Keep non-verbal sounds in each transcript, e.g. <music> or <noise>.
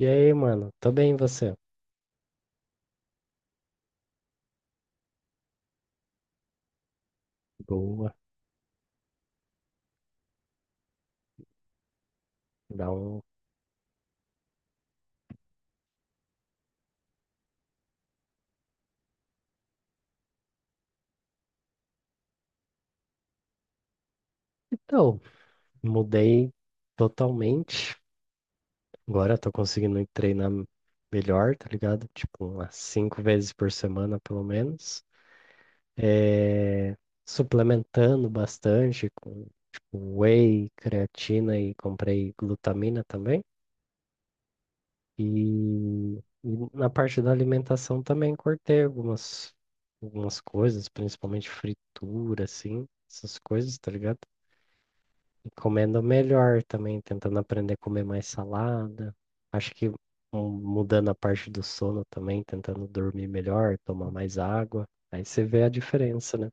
E aí, mano? Tô bem, e você? Boa. Dá um. Então, mudei totalmente. Agora eu tô conseguindo ir treinar melhor, tá ligado? Tipo, umas cinco vezes por semana, pelo menos. É... Suplementando bastante com tipo, whey, creatina e comprei glutamina também. E, e na parte da alimentação também cortei algumas coisas, principalmente fritura, assim, essas coisas, tá ligado? E comendo melhor também, tentando aprender a comer mais salada. Acho que mudando a parte do sono também, tentando dormir melhor, tomar mais água. Aí você vê a diferença, né?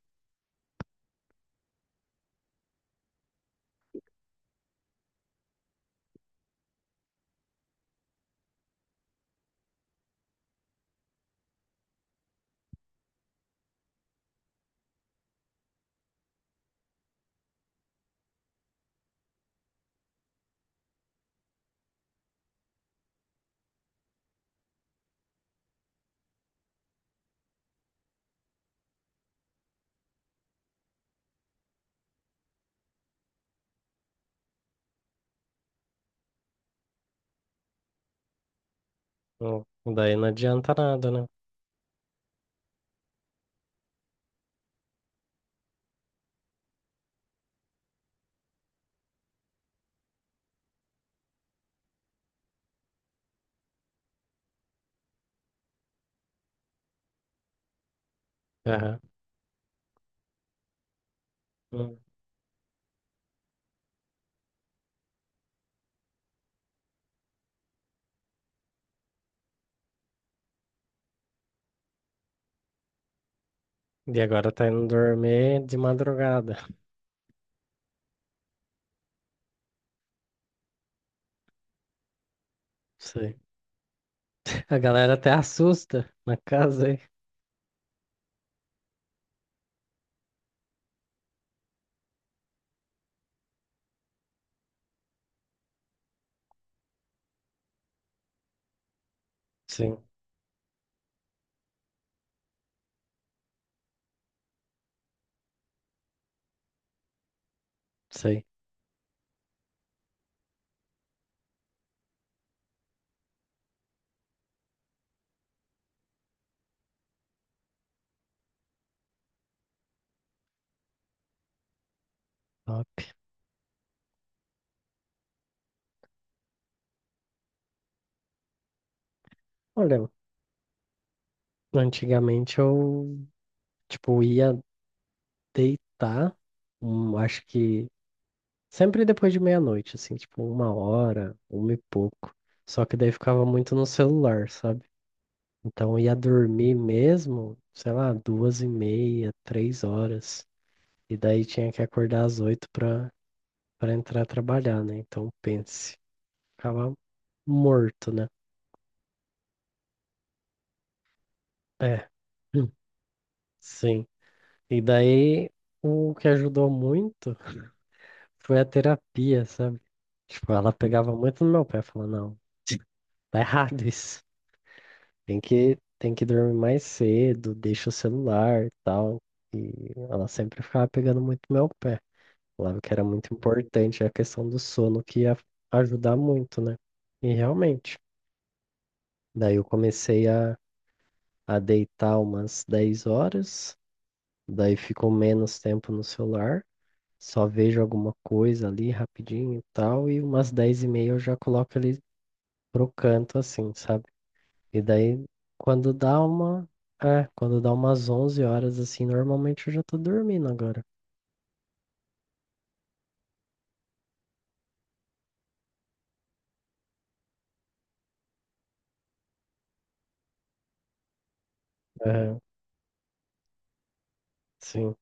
Hum. Daí não adianta nada, né? Aham. Hum. E agora tá indo dormir de madrugada. <laughs> Sei. A galera até assusta na casa aí. Sim, sei. Top. Olha, antigamente eu, tipo, ia deitar, acho que sempre depois de meia-noite, assim, tipo uma hora, uma e pouco. Só que daí ficava muito no celular, sabe? Então ia dormir mesmo, sei lá, 2h30, 3 horas. E daí tinha que acordar às 8h pra entrar trabalhar, né? Então pense, ficava morto, né? É. <laughs> Hum. Sim. E daí o que ajudou muito foi a terapia, sabe? Tipo, ela pegava muito no meu pé, falando, não, tá errado isso. Tem que dormir mais cedo, deixa o celular e tal. E ela sempre ficava pegando muito meu pé. Falava que era muito importante a questão do sono, que ia ajudar muito, né? E realmente. Daí eu comecei a deitar umas 10 horas, daí ficou menos tempo no celular, só vejo alguma coisa ali rapidinho e tal, e umas 10h30 eu já coloco ele pro canto, assim, sabe? E daí, quando dá uma. É, quando dá umas 11 horas, assim, normalmente eu já tô dormindo agora. Aham, sim.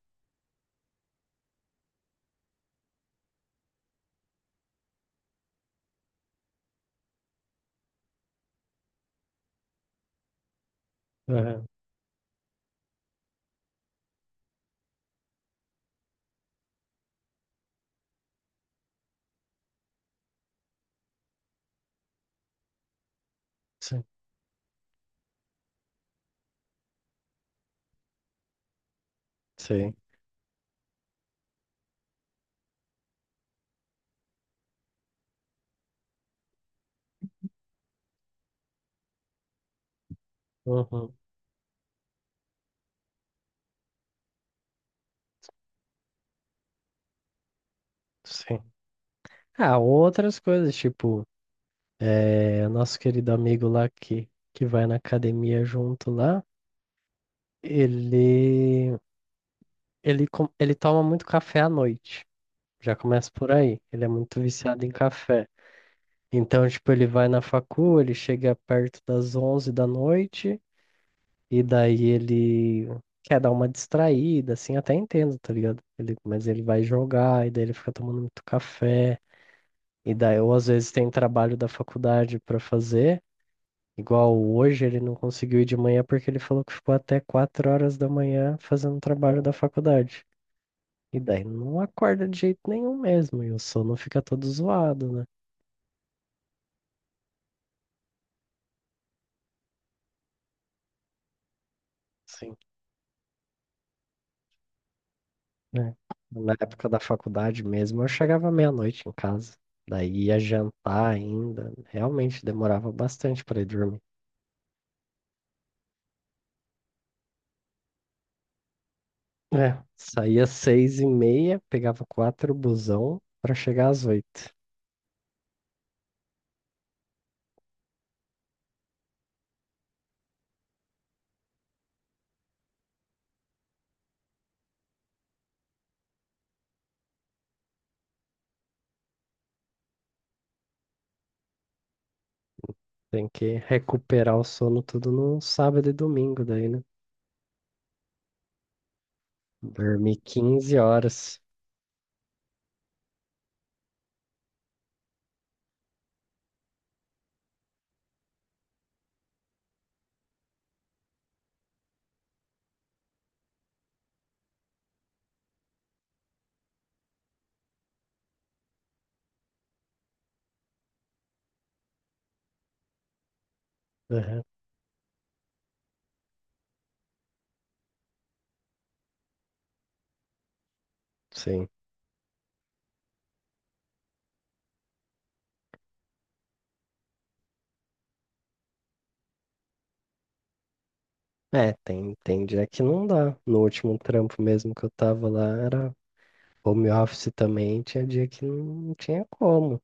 Aham, sim. Sim. Uhum, sim. Ah, outras coisas, tipo, nosso querido amigo lá que vai na academia junto lá, ele, ele toma muito café à noite. Já começa por aí. Ele é muito viciado em café. Então, tipo, ele vai na facu, ele chega perto das 11 da noite. E daí ele quer dar uma distraída, assim, até entendo, tá ligado? Mas ele vai jogar, e daí ele fica tomando muito café. E daí eu, às vezes, tem trabalho da faculdade pra fazer. Igual hoje, ele não conseguiu ir de manhã porque ele falou que ficou até 4 horas da manhã fazendo trabalho da faculdade. E daí não acorda de jeito nenhum mesmo, e o sono fica todo zoado, né? Sim. Né? Na época da faculdade mesmo, eu chegava meia-noite em casa. Daí ia jantar ainda. Realmente demorava bastante para ir dormir. É, saía 6h30, pegava quatro busão para chegar às 8h. Tem que recuperar o sono tudo no sábado e domingo daí, né? Dormir 15 horas. Aham, sim. É, tem dia que não dá. No último trampo mesmo que eu tava lá, era home office também, tinha dia que não tinha como.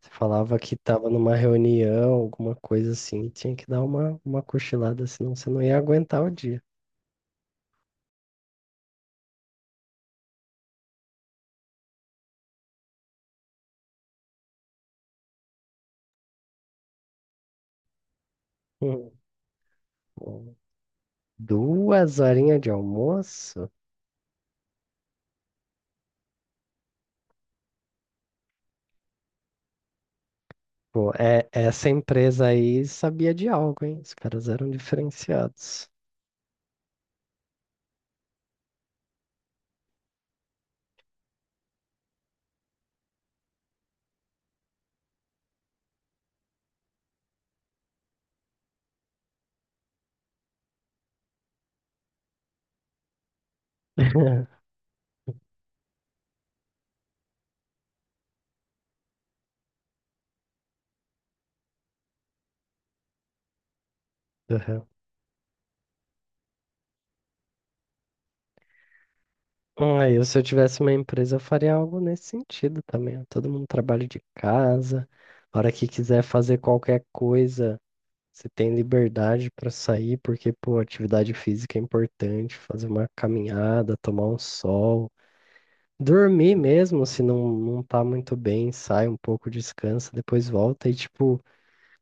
Você falava que estava numa reunião, alguma coisa assim, tinha que dar uma cochilada, senão você não ia aguentar o dia. Hum, bom. Duas horinhas de almoço? Pô, é, essa empresa aí sabia de algo, hein? Os caras eram diferenciados. <laughs> Uhum. Ah, eu, se eu tivesse uma empresa, eu faria algo nesse sentido também. Ó. Todo mundo trabalha de casa, a hora que quiser fazer qualquer coisa. Você tem liberdade para sair, porque, pô, atividade física é importante, fazer uma caminhada, tomar um sol, dormir mesmo, se não, não tá muito bem, sai um pouco, descansa, depois volta. E, tipo,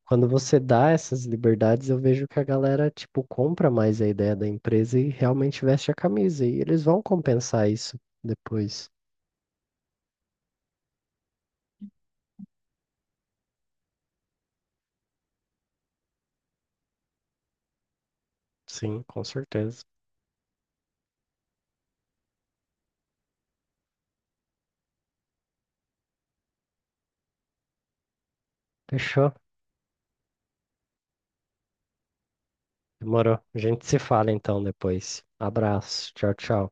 quando você dá essas liberdades, eu vejo que a galera, tipo, compra mais a ideia da empresa e realmente veste a camisa. E eles vão compensar isso depois. Sim, com certeza. Fechou? Demorou. A gente se fala então depois. Abraço. Tchau, tchau.